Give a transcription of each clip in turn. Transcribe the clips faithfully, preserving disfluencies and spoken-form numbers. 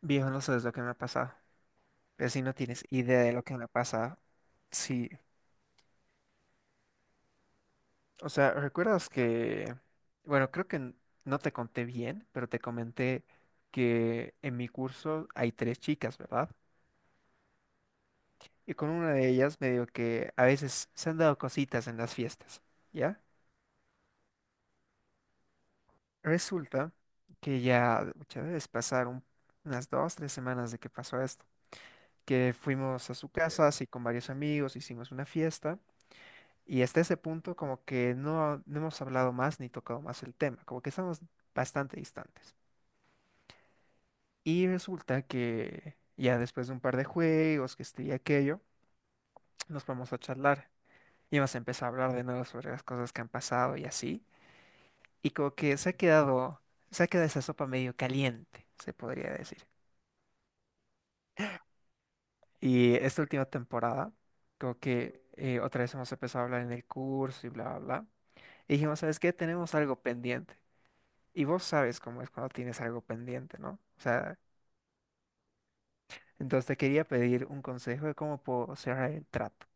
Viejo, no sabes lo que me ha pasado. Así no tienes idea de lo que me ha pasado. Sí. O sea, ¿recuerdas que... Bueno, creo que n- no te conté bien, pero te comenté que en mi curso hay tres chicas, ¿verdad? Y con una de ellas me digo que a veces se han dado cositas en las fiestas, ¿ya? Resulta que ya muchas veces pasaron unas dos, tres semanas de que pasó esto. Que fuimos a su casa, así con varios amigos, hicimos una fiesta. Y hasta ese punto como que no, no hemos hablado más ni tocado más el tema, como que estamos bastante distantes. Y resulta que ya después de un par de juegos, que este y aquello, nos vamos a charlar. Y más empezó a hablar de nuevo sobre las cosas que han pasado y así. Y como que se ha quedado, se ha quedado esa sopa medio caliente, se podría decir. Y esta última temporada, como que eh, otra vez hemos empezado a hablar en el curso y bla, bla, bla. Y dijimos, ¿sabes qué? Tenemos algo pendiente. Y vos sabes cómo es cuando tienes algo pendiente, ¿no? O sea, entonces te quería pedir un consejo de cómo puedo cerrar el trato.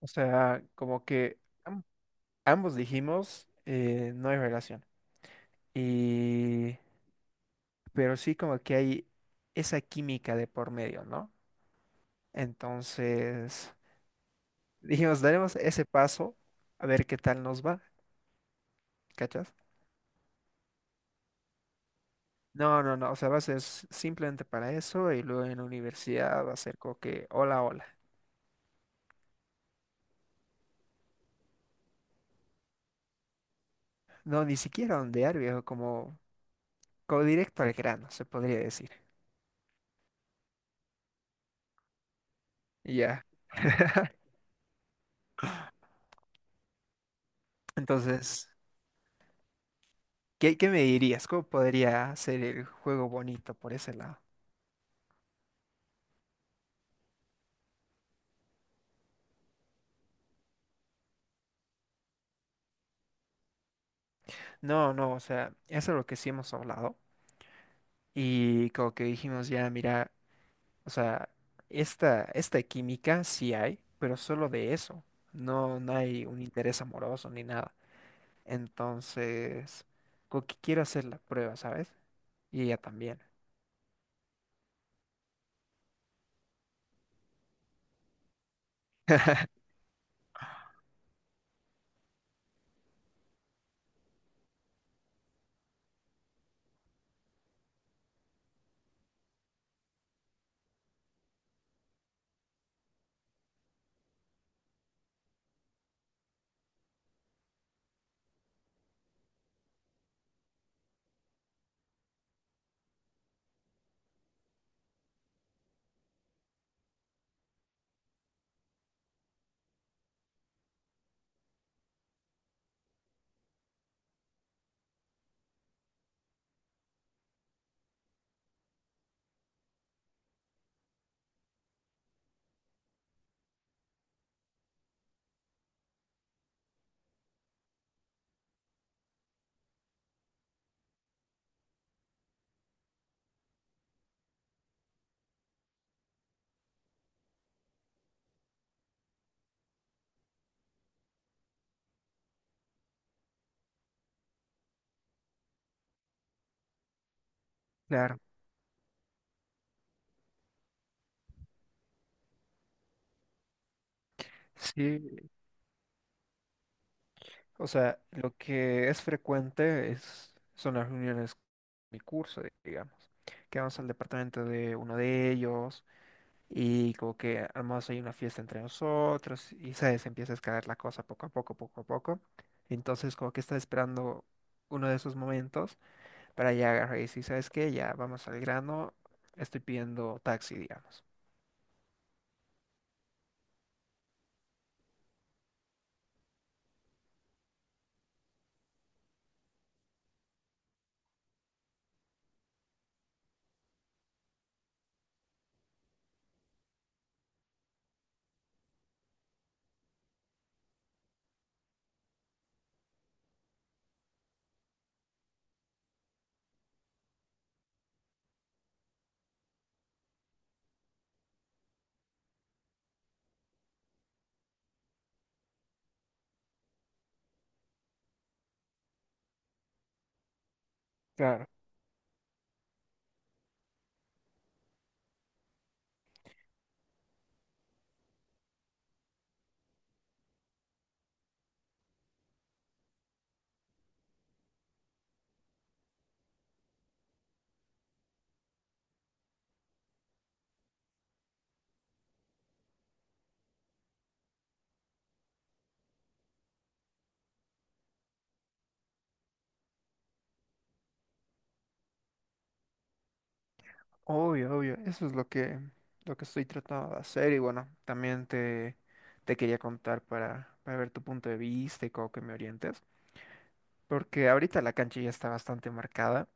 O sea, como que am- ambos dijimos, eh, no hay relación. Y, pero sí como que hay esa química de por medio, ¿no? Entonces, dijimos, daremos ese paso a ver qué tal nos va, ¿cachas? No, no, no, o sea, va a ser s- simplemente para eso y luego en la universidad va a ser como que, hola, hola. No, ni siquiera ondear, viejo, como como directo al grano, se podría decir. Ya. Entonces, ¿qué, ¿qué me dirías? ¿Cómo podría hacer el juego bonito por ese lado? No, no, o sea, eso es lo que sí hemos hablado. Y como que dijimos ya, mira, o sea, esta, esta química sí hay, pero solo de eso. No, no hay un interés amoroso ni nada. Entonces, como que quiero hacer la prueba, ¿sabes? Y ella también. Claro. Sí. O sea, lo que es frecuente es, son las reuniones con mi curso, digamos, que vamos al departamento de uno de ellos y como que armamos ahí una fiesta entre nosotros y sabes, empieza a escalar la cosa poco a poco, poco a poco. Entonces como que está esperando uno de esos momentos para ya agarrar y decir, ¿sabes qué? Ya vamos al grano, estoy pidiendo taxi, digamos. Claro. Obvio, obvio, eso es lo que, lo que estoy tratando de hacer y bueno, también te, te quería contar para, para ver tu punto de vista y cómo que me orientes, porque ahorita la cancha ya está bastante marcada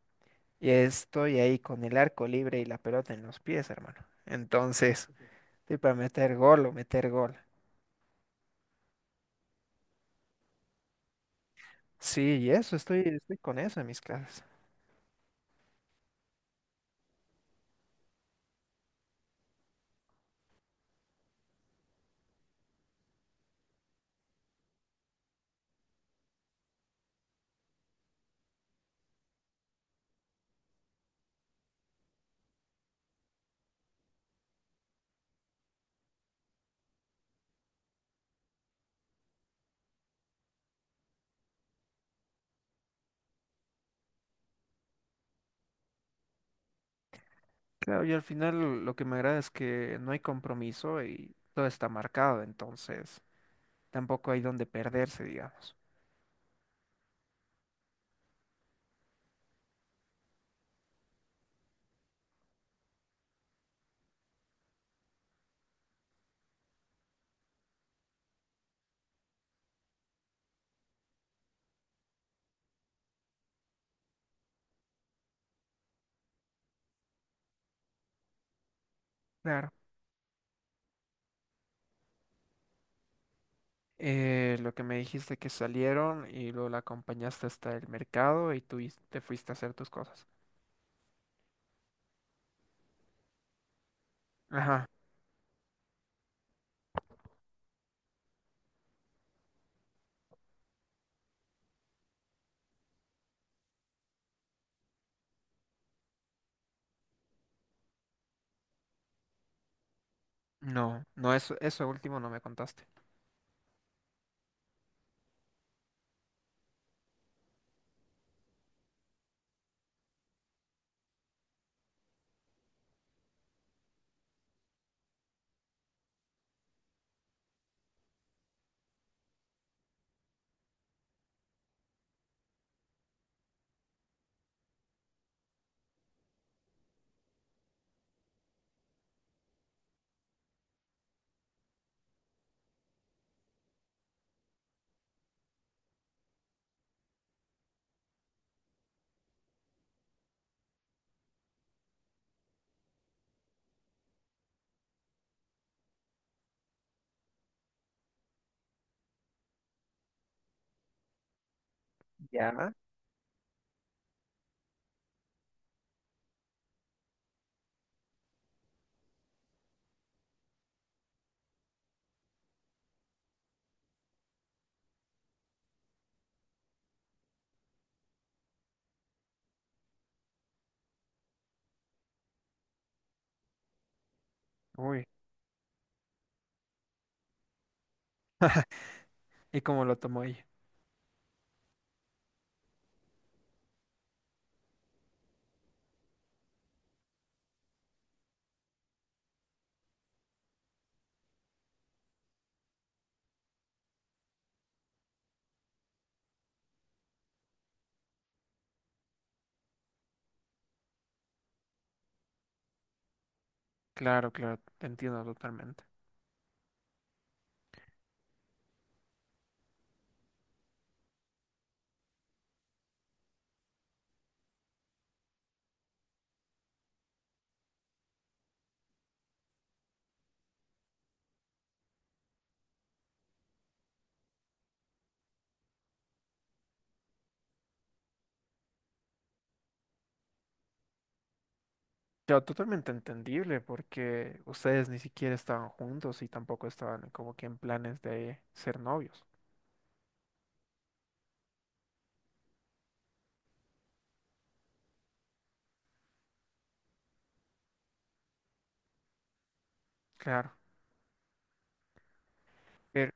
y estoy ahí con el arco libre y la pelota en los pies, hermano. Entonces, estoy para meter gol o meter gol. Sí, y eso, estoy, estoy con eso en mis clases. Claro, y al final lo que me agrada es que no hay compromiso y todo está marcado, entonces tampoco hay donde perderse, digamos. Claro. Eh, lo que me dijiste que salieron y luego la acompañaste hasta el mercado y tú is- te fuiste a hacer tus cosas. Ajá. No, no, eso, eso último no me contaste. Ya. Uy. ¿Y cómo lo tomó ella? Claro, claro, te entiendo totalmente. Claro, totalmente entendible porque ustedes ni siquiera estaban juntos y tampoco estaban como que en planes de ser novios. Claro. Pero,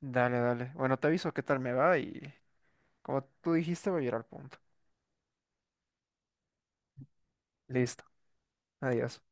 dale, dale. Bueno, te aviso qué tal me va y como tú dijiste, voy a ir al punto. Listo. Adiós.